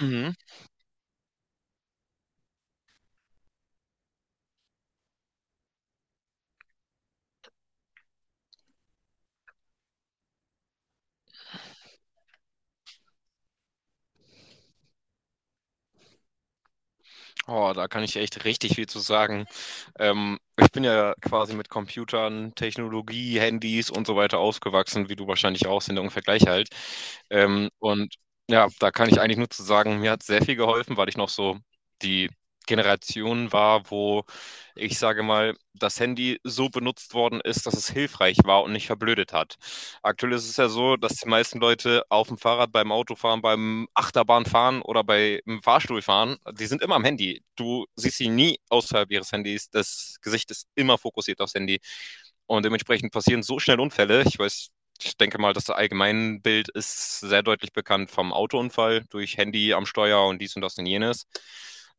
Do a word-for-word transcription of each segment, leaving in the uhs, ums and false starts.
Mhm. Oh, da kann ich echt richtig viel zu sagen. Ähm, ich bin ja quasi mit Computern, Technologie, Handys und so weiter aufgewachsen, wie du wahrscheinlich auch, sind ja ungefähr gleich alt. Ähm, und ja, da kann ich eigentlich nur zu sagen, mir hat sehr viel geholfen, weil ich noch so die Generation war, wo ich sage mal, das Handy so benutzt worden ist, dass es hilfreich war und nicht verblödet hat. Aktuell ist es ja so, dass die meisten Leute auf dem Fahrrad, beim Autofahren, beim Achterbahnfahren oder beim Fahrstuhlfahren, die sind immer am Handy. Du siehst sie nie außerhalb ihres Handys. Das Gesicht ist immer fokussiert aufs Handy. Und dementsprechend passieren so schnell Unfälle. Ich weiß ich denke mal, das Allgemeinbild ist sehr deutlich bekannt vom Autounfall durch Handy am Steuer und dies und das und jenes.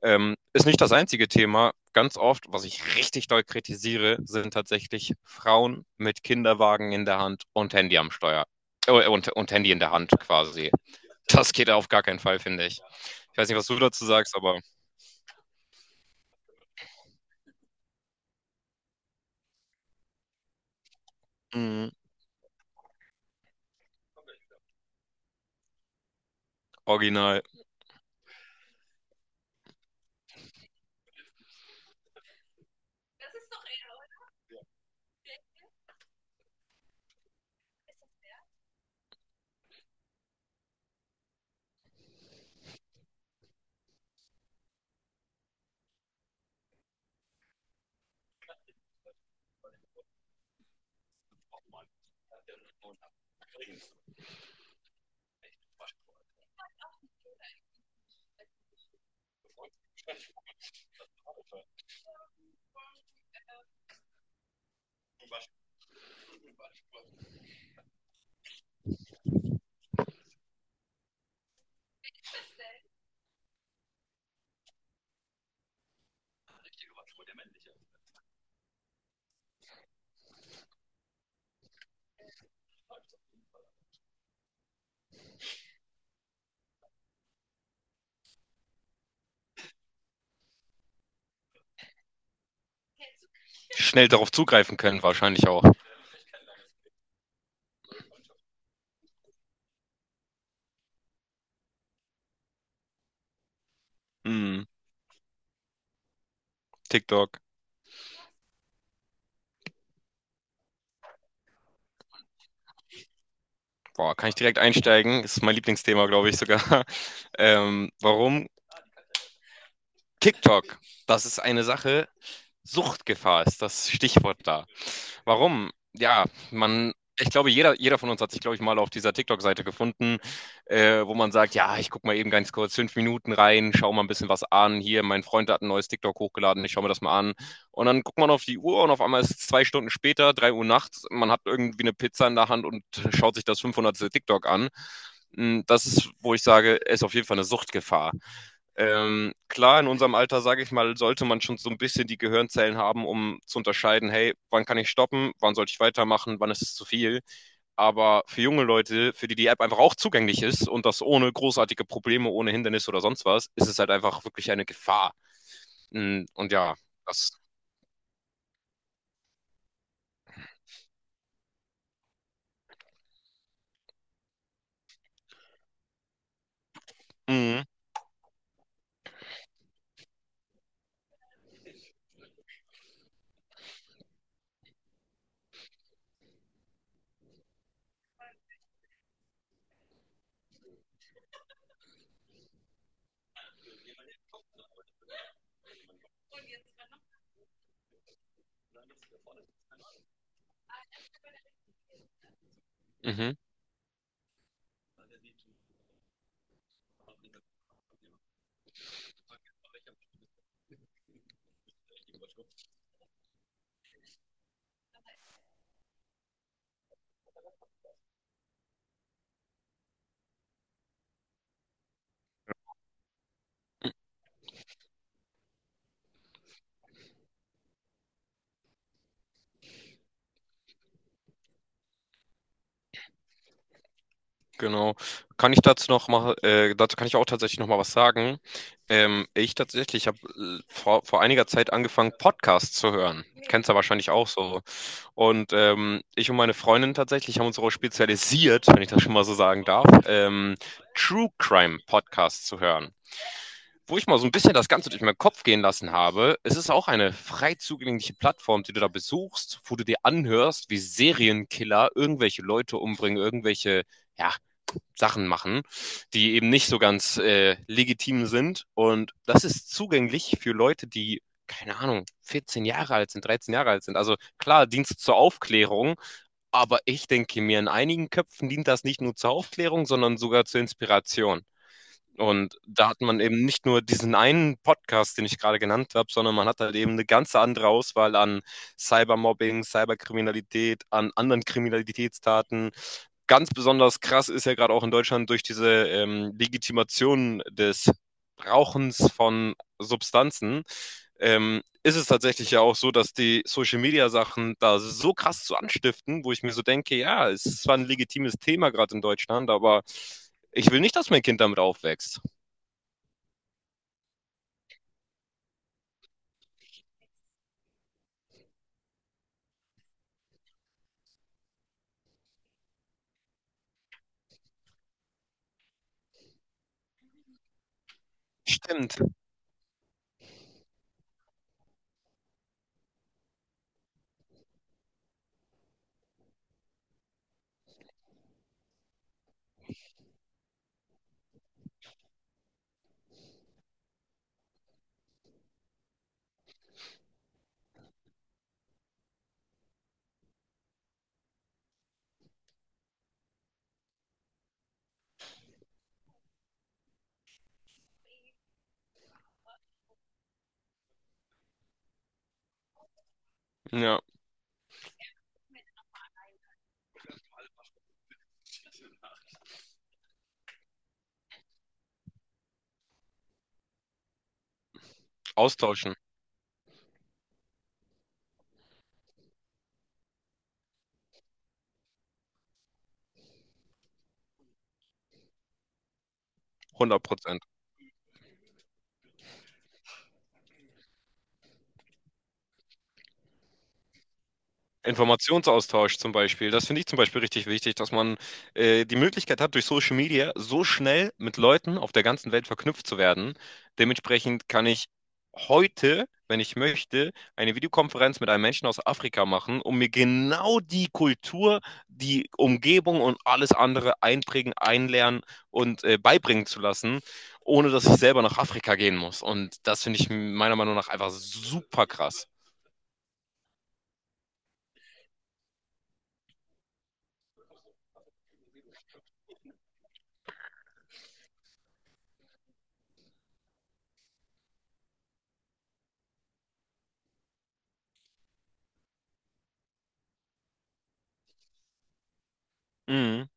Ähm, ist nicht das einzige Thema. Ganz oft, was ich richtig doll kritisiere, sind tatsächlich Frauen mit Kinderwagen in der Hand und Handy am Steuer. Äh, und, und Handy in der Hand quasi. Das geht auf gar keinen Fall, finde ich. Ich weiß nicht, was du dazu sagst, aber mm, original. Schnell darauf zugreifen können, wahrscheinlich auch. Mm, TikTok. Boah, kann ich direkt einsteigen? Ist mein Lieblingsthema, glaube ich sogar. Ähm, warum? TikTok, das ist eine Sache. Suchtgefahr ist das Stichwort da. Warum? Ja, man, ich glaube, jeder, jeder von uns hat sich, glaube ich, mal auf dieser TikTok-Seite gefunden, äh, wo man sagt, ja, ich gucke mal eben ganz kurz fünf Minuten rein, schau mal ein bisschen was an. Hier, mein Freund hat ein neues TikTok hochgeladen, ich schaue mir das mal an. Und dann guckt man auf die Uhr und auf einmal ist es zwei Stunden später, drei Uhr nachts, man hat irgendwie eine Pizza in der Hand und schaut sich das fünfhundertste. TikTok an. Mm, Das ist, wo ich sage, ist auf jeden Fall eine Suchtgefahr. Ähm, klar, in unserem Alter, sage ich mal, sollte man schon so ein bisschen die Gehirnzellen haben, um zu unterscheiden, hey, wann kann ich stoppen, wann sollte ich weitermachen, wann ist es zu viel. Aber für junge Leute, für die die App einfach auch zugänglich ist und das ohne großartige Probleme, ohne Hindernis oder sonst was, ist es halt einfach wirklich eine Gefahr. Mm, Und ja, das. Mhm, mhm, genau. Kann ich dazu noch mal, äh, dazu kann ich auch tatsächlich noch mal was sagen. Ähm, ich tatsächlich habe äh, vor, vor einiger Zeit angefangen, Podcasts zu hören. Kennst du ja wahrscheinlich auch so. Und ähm, ich und meine Freundin tatsächlich haben uns darauf spezialisiert, wenn ich das schon mal so sagen darf, ähm, True Crime Podcasts zu hören. Wo ich mal so ein bisschen das Ganze durch meinen Kopf gehen lassen habe, es ist auch eine frei zugängliche Plattform, die du da besuchst, wo du dir anhörst, wie Serienkiller irgendwelche Leute umbringen, irgendwelche, ja, Sachen machen, die eben nicht so ganz äh, legitim sind. Und das ist zugänglich für Leute, die, keine Ahnung, vierzehn Jahre alt sind, dreizehn Jahre alt sind. Also klar, Dienst zur Aufklärung, aber ich denke mir, in einigen Köpfen dient das nicht nur zur Aufklärung, sondern sogar zur Inspiration. Und da hat man eben nicht nur diesen einen Podcast, den ich gerade genannt habe, sondern man hat halt eben eine ganze andere Auswahl an Cybermobbing, Cyberkriminalität, an anderen Kriminalitätstaten. Ganz besonders krass ist ja gerade auch in Deutschland durch diese ähm, Legitimation des Rauchens von Substanzen, ähm, ist es tatsächlich ja auch so, dass die Social Media Sachen da so krass zu anstiften, wo ich mir so denke, ja, es ist zwar ein legitimes Thema gerade in Deutschland, aber ich will nicht, dass mein Kind damit aufwächst. Stimmt. Ja, austauschen. hundert Prozent. Informationsaustausch zum Beispiel. Das finde ich zum Beispiel richtig wichtig, dass man äh, die Möglichkeit hat, durch Social Media so schnell mit Leuten auf der ganzen Welt verknüpft zu werden. Dementsprechend kann ich heute, wenn ich möchte, eine Videokonferenz mit einem Menschen aus Afrika machen, um mir genau die Kultur, die Umgebung und alles andere einprägen, einlernen und äh, beibringen zu lassen, ohne dass ich selber nach Afrika gehen muss. Und das finde ich meiner Meinung nach einfach super krass. Mhm.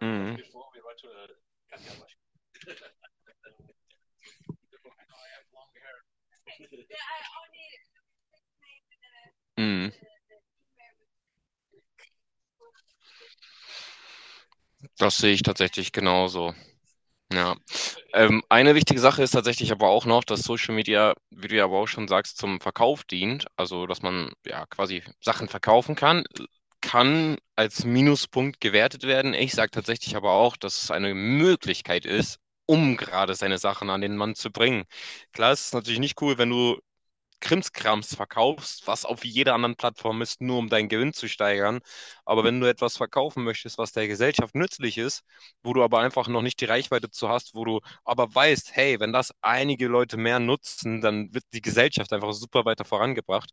Mhm. Mhm. Das sehe ich tatsächlich genauso. Ja. Ähm, eine wichtige Sache ist tatsächlich aber auch noch, dass Social Media, wie du ja aber auch schon sagst, zum Verkauf dient. Also, dass man ja quasi Sachen verkaufen kann, kann als Minuspunkt gewertet werden. Ich sage tatsächlich aber auch, dass es eine Möglichkeit ist, um gerade seine Sachen an den Mann zu bringen. Klar, es ist natürlich nicht cool, wenn du Krimskrams verkaufst, was auf jeder anderen Plattform ist, nur um deinen Gewinn zu steigern. Aber wenn du etwas verkaufen möchtest, was der Gesellschaft nützlich ist, wo du aber einfach noch nicht die Reichweite zu hast, wo du aber weißt, hey, wenn das einige Leute mehr nutzen, dann wird die Gesellschaft einfach super weiter vorangebracht.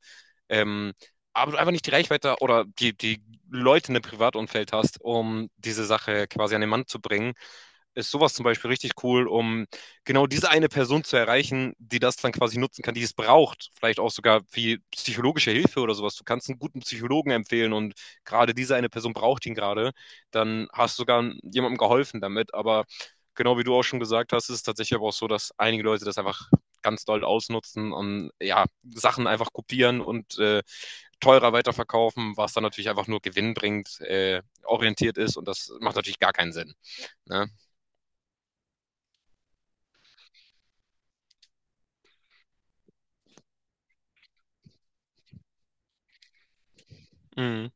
Ähm, aber du einfach nicht die Reichweite oder die, die Leute in dem Privatumfeld hast, um diese Sache quasi an den Mann zu bringen, ist sowas zum Beispiel richtig cool, um genau diese eine Person zu erreichen, die das dann quasi nutzen kann, die es braucht. Vielleicht auch sogar wie psychologische Hilfe oder sowas. Du kannst einen guten Psychologen empfehlen und gerade diese eine Person braucht ihn gerade. Dann hast du sogar jemandem geholfen damit. Aber genau wie du auch schon gesagt hast, ist es tatsächlich aber auch so, dass einige Leute das einfach ganz doll ausnutzen und ja, Sachen einfach kopieren und äh, teurer weiterverkaufen, was dann natürlich einfach nur gewinnbringend äh, orientiert ist und das macht natürlich gar keinen Sinn. Ne? Mhm.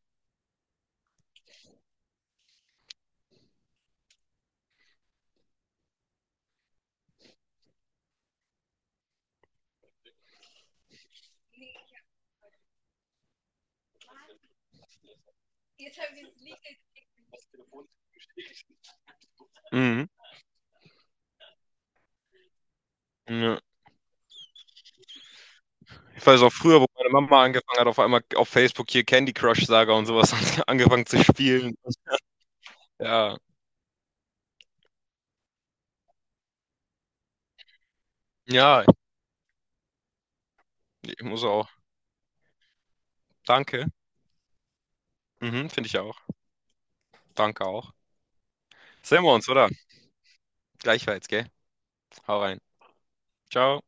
Mhm. Ja. Ich weiß auch früher, wo meine Mama angefangen hat, auf einmal auf Facebook hier Candy Crush Saga und sowas angefangen zu spielen. Ja, ja, ich muss auch. Danke. Mhm, finde ich auch. Danke auch. Sehen wir uns, oder? Gleichfalls, gell? Hau rein. Ciao.